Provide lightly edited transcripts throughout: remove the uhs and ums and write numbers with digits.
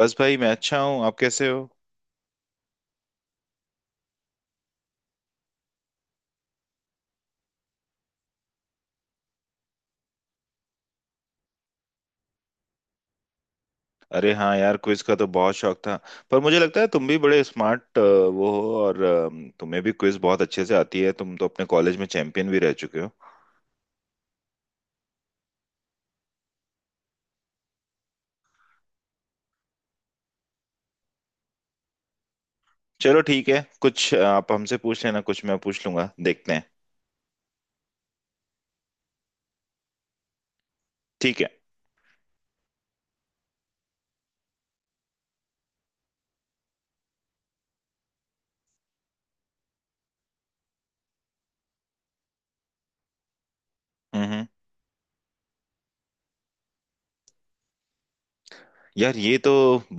बस भाई मैं अच्छा हूँ। आप कैसे हो? अरे हाँ यार, क्विज का तो बहुत शौक था। पर मुझे लगता है तुम भी बड़े स्मार्ट वो हो और तुम्हें भी क्विज बहुत अच्छे से आती है। तुम तो अपने कॉलेज में चैंपियन भी रह चुके हो। चलो ठीक है, कुछ आप हमसे पूछ लेना, कुछ मैं पूछ लूंगा, देखते हैं। ठीक है। हम्म हम्म। यार ये तो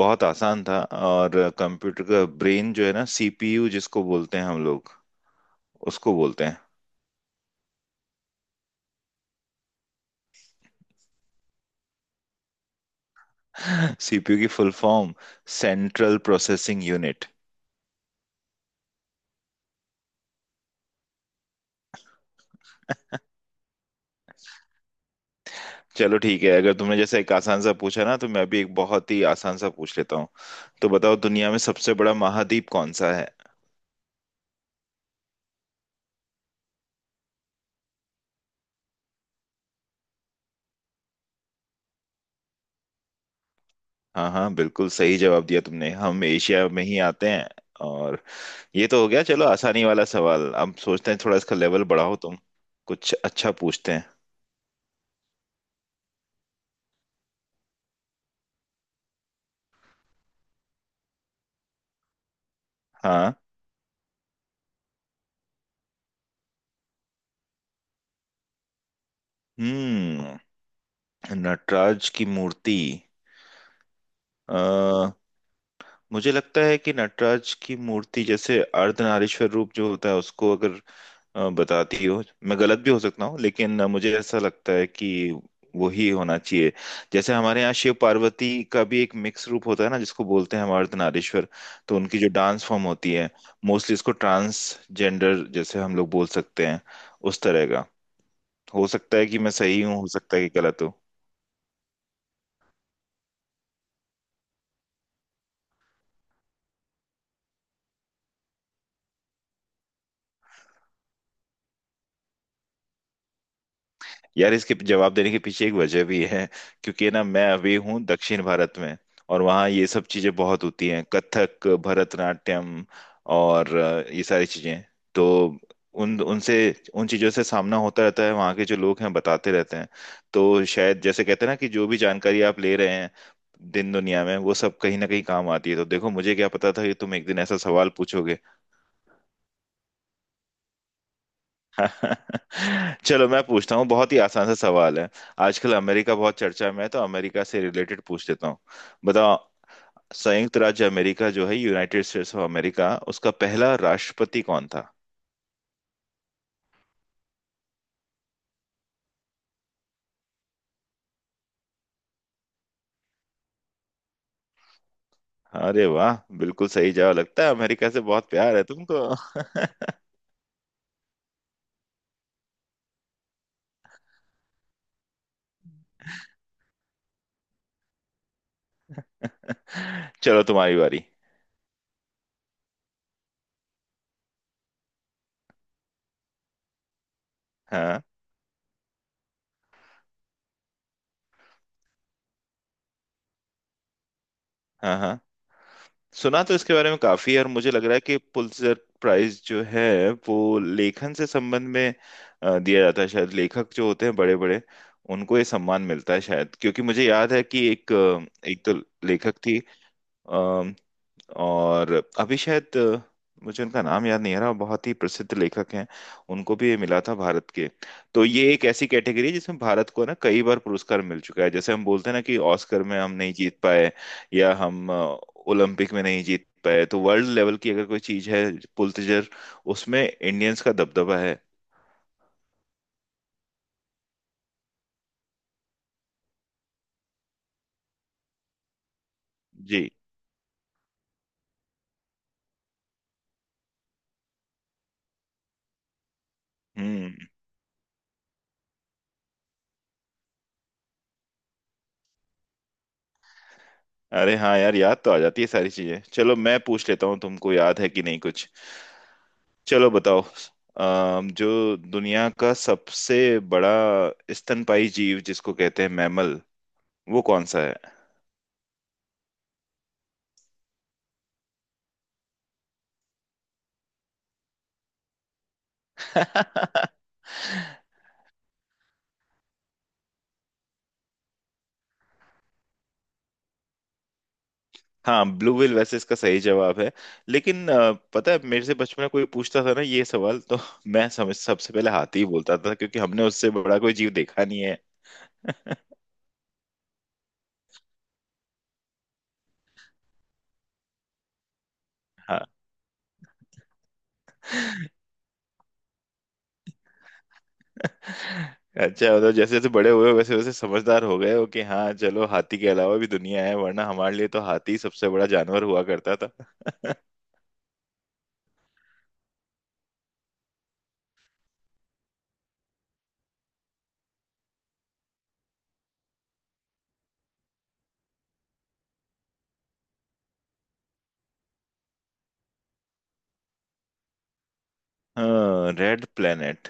बहुत आसान था। और कंप्यूटर का ब्रेन जो है ना, सीपीयू जिसको बोलते हैं हम लोग, उसको बोलते हैं। सीपीयू की full form central processing unit. चलो ठीक है, अगर तुमने जैसे एक आसान सा पूछा ना, तो मैं भी एक बहुत ही आसान सा पूछ लेता हूँ। तो बताओ, दुनिया में सबसे बड़ा महाद्वीप कौन सा है? हाँ हाँ, बिल्कुल सही जवाब दिया तुमने। हम एशिया में ही आते हैं। और ये तो हो गया चलो आसानी वाला सवाल। अब सोचते हैं, थोड़ा इसका लेवल बढ़ाओ तुम, कुछ अच्छा पूछते हैं। हाँ। हम्म। नटराज की मूर्ति। अ मुझे लगता है कि नटराज की मूर्ति जैसे अर्धनारीश्वर रूप जो होता है, उसको अगर बताती हो। मैं गलत भी हो सकता हूँ, लेकिन मुझे ऐसा लगता है कि वही होना चाहिए। जैसे हमारे यहाँ शिव पार्वती का भी एक मिक्स रूप होता है ना, जिसको बोलते हैं मर्दनारीश्वर। तो उनकी जो डांस फॉर्म होती है, मोस्टली इसको ट्रांसजेंडर जैसे हम लोग बोल सकते हैं, उस तरह का। हो सकता है कि मैं सही हूँ, हो सकता है कि गलत हूँ। यार, इसके जवाब देने के पीछे एक वजह भी है। क्योंकि ना मैं अभी हूँ दक्षिण भारत में, और वहाँ ये सब चीजें बहुत होती हैं, कथक भरतनाट्यम और ये सारी चीजें। तो उन उनसे उन चीजों से सामना होता रहता है, वहाँ के जो लोग हैं बताते रहते हैं। तो शायद जैसे कहते हैं ना कि जो भी जानकारी आप ले रहे हैं दिन दुनिया में, वो सब कहीं ना कहीं काम आती है। तो देखो, मुझे क्या पता था कि तुम एक दिन ऐसा सवाल पूछोगे। चलो मैं पूछता हूँ, बहुत ही आसान सा सवाल है। आजकल अमेरिका बहुत चर्चा में है, तो अमेरिका से रिलेटेड पूछ लेता हूँ। बताओ, संयुक्त राज्य अमेरिका जो है, यूनाइटेड स्टेट्स ऑफ अमेरिका, उसका पहला राष्ट्रपति कौन था? अरे वाह, बिल्कुल सही जवाब। लगता है अमेरिका से बहुत प्यार है तुमको। चलो तुम्हारी बारी। हाँ हाँ हाँ। सुना तो इसके बारे में काफी है, और मुझे लग रहा है कि पुलित्जर प्राइज जो है वो लेखन से संबंध में दिया जाता है शायद। लेखक जो होते हैं बड़े बड़े, उनको ये सम्मान मिलता है शायद। क्योंकि मुझे याद है कि एक एक तो लेखक थी, अम, और अभी शायद मुझे उनका नाम याद नहीं आ रहा, बहुत ही प्रसिद्ध लेखक हैं, उनको भी ये मिला था, भारत के। तो ये एक ऐसी कैटेगरी है जिसमें भारत को ना कई बार पुरस्कार मिल चुका है। जैसे हम बोलते हैं ना कि ऑस्कर में हम नहीं जीत पाए, या हम ओलंपिक में नहीं जीत पाए, तो वर्ल्ड लेवल की अगर कोई चीज है पुलितजर, उसमें इंडियंस का दबदबा है। जी। हम्म। अरे हाँ यार, याद तो आ जाती है सारी चीजें। चलो मैं पूछ लेता हूँ तुमको, याद है कि नहीं कुछ। चलो बताओ, जो दुनिया का सबसे बड़ा स्तनपाई जीव जिसको कहते हैं मैमल, वो कौन सा है? हाँ, ब्लू व्हेल वैसे इसका सही जवाब है। लेकिन पता है, मेरे से बचपन में कोई पूछता था ना ये सवाल, तो मैं समझ सबसे पहले हाथी ही बोलता था, क्योंकि हमने उससे बड़ा कोई जीव देखा नहीं है। हाँ। अच्छा, मतलब जैसे जैसे बड़े हुए वैसे वैसे समझदार हो गए हो कि हाँ चलो हाथी के अलावा भी दुनिया है, वरना हमारे लिए तो हाथी सबसे बड़ा जानवर हुआ करता था। हाँ, रेड प्लेनेट।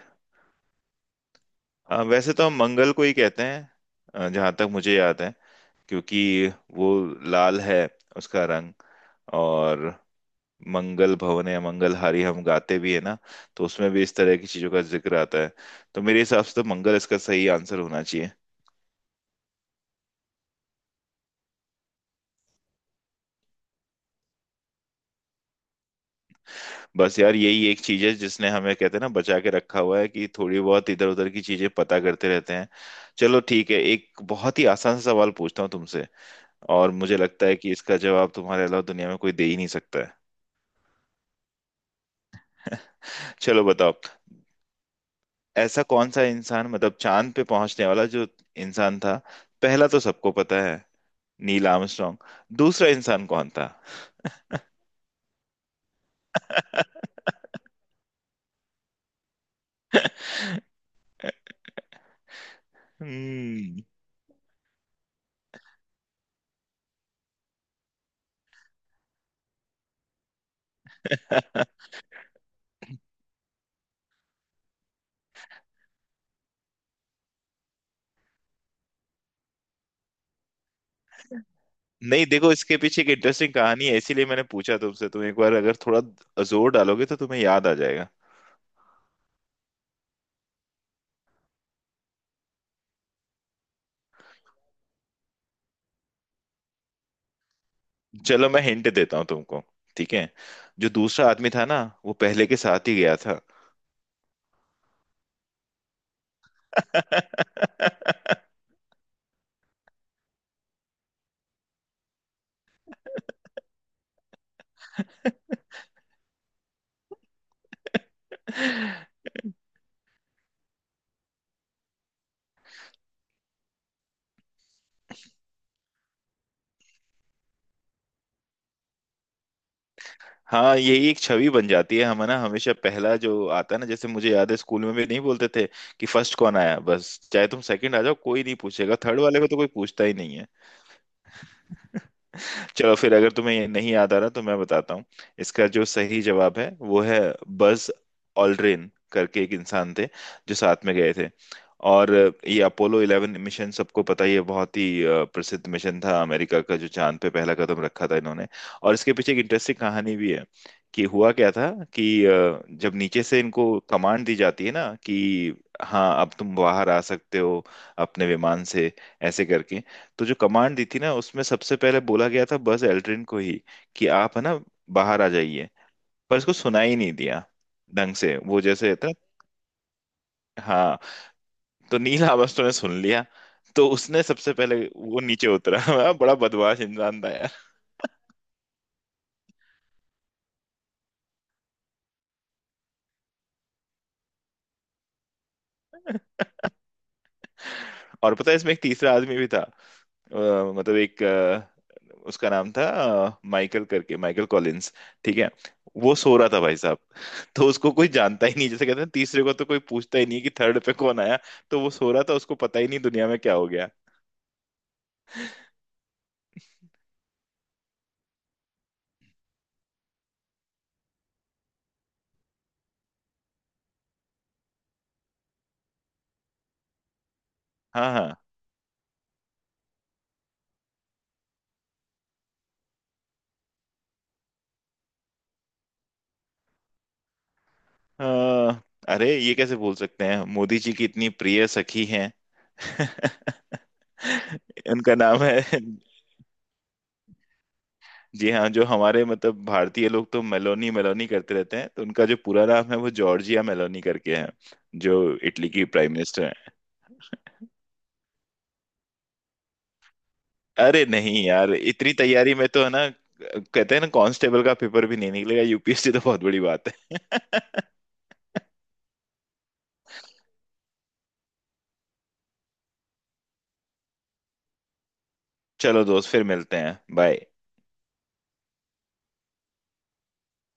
आ, वैसे तो हम मंगल को ही कहते हैं जहां तक मुझे याद है। क्योंकि वो लाल है उसका रंग। और मंगल भवन या मंगलहारी हम गाते भी है ना, तो उसमें भी इस तरह की चीजों का जिक्र आता है। तो मेरे हिसाब से तो मंगल इसका सही आंसर होना चाहिए। बस यार, यही एक चीज है जिसने हमें कहते हैं ना बचा के रखा हुआ है, कि थोड़ी बहुत इधर उधर की चीजें पता करते रहते हैं। चलो ठीक है, एक बहुत ही आसान सा सवाल पूछता हूँ तुमसे। और मुझे लगता है कि इसका जवाब तुम्हारे अलावा दुनिया में कोई दे ही नहीं सकता है। चलो बताओ, ऐसा कौन सा इंसान, मतलब चांद पे पहुंचने वाला जो इंसान था, पहला तो सबको पता है, नील आर्मस्ट्रॉन्ग, दूसरा इंसान कौन था? हम्म। नहीं देखो, इसके पीछे एक इंटरेस्टिंग कहानी है, इसीलिए मैंने पूछा तुमसे। तुम एक बार अगर थोड़ा जोर डालोगे तो तुम्हें याद आ जाएगा। चलो मैं हिंट देता हूँ तुमको, ठीक है। जो दूसरा आदमी था ना वो पहले के साथ ही गया था। हाँ, यही एक छवि बन जाती है। हम ना हमेशा पहला जो आता है ना, जैसे मुझे याद है स्कूल में भी नहीं बोलते थे कि फर्स्ट कौन आया, बस। चाहे तुम सेकंड आ जाओ कोई नहीं पूछेगा, थर्ड वाले को तो कोई पूछता ही नहीं। चलो फिर, अगर तुम्हें ये नहीं याद आ रहा तो मैं बताता हूँ। इसका जो सही जवाब है वो है बज ऑल्ड्रिन करके एक इंसान थे, जो साथ में गए थे। और ये अपोलो 11 मिशन सबको पता ही है, बहुत ही प्रसिद्ध मिशन था अमेरिका का, जो चांद पे पहला कदम रखा था इन्होंने। और इसके पीछे एक इंटरेस्टिंग कहानी भी है कि हुआ क्या था कि जब नीचे से इनको कमांड दी जाती है ना कि हाँ अब तुम बाहर आ सकते हो अपने विमान से, ऐसे करके। तो जो कमांड दी थी ना उसमें सबसे पहले बोला गया था बस एल्ड्रिन को ही कि आप है ना बाहर आ जाइए। पर इसको सुना ही नहीं दिया ढंग से वो जैसे था। हाँ। तो नील आर्मस्ट्रॉन्ग ने सुन लिया, तो उसने सबसे पहले वो नीचे उतरा। बड़ा बदमाश इंसान था यार। और पता है, इसमें एक तीसरा आदमी भी था। अ, मतलब एक अ, उसका नाम था माइकल करके, माइकल कॉलिंस। ठीक है। वो सो रहा था भाई साहब। तो उसको कोई जानता ही नहीं, जैसे कहते हैं तीसरे को तो कोई पूछता ही नहीं कि थर्ड पे कौन आया। तो वो सो रहा था, उसको पता ही नहीं दुनिया में क्या हो गया। हाँ हाँ। अ, अरे ये कैसे बोल सकते हैं, मोदी जी की इतनी प्रिय सखी हैं। उनका नाम है, जी हाँ, जो हमारे मतलब भारतीय लोग तो मेलोनी मेलोनी करते रहते हैं, तो उनका जो पूरा नाम है वो जॉर्जिया मेलोनी करके है, जो इटली की प्राइम मिनिस्टर है। अरे नहीं यार, इतनी तैयारी में तो है ना, कहते हैं ना कांस्टेबल का पेपर भी नहीं निकलेगा, यूपीएससी तो बहुत बड़ी बात है। चलो दोस्त, फिर मिलते हैं, बाय।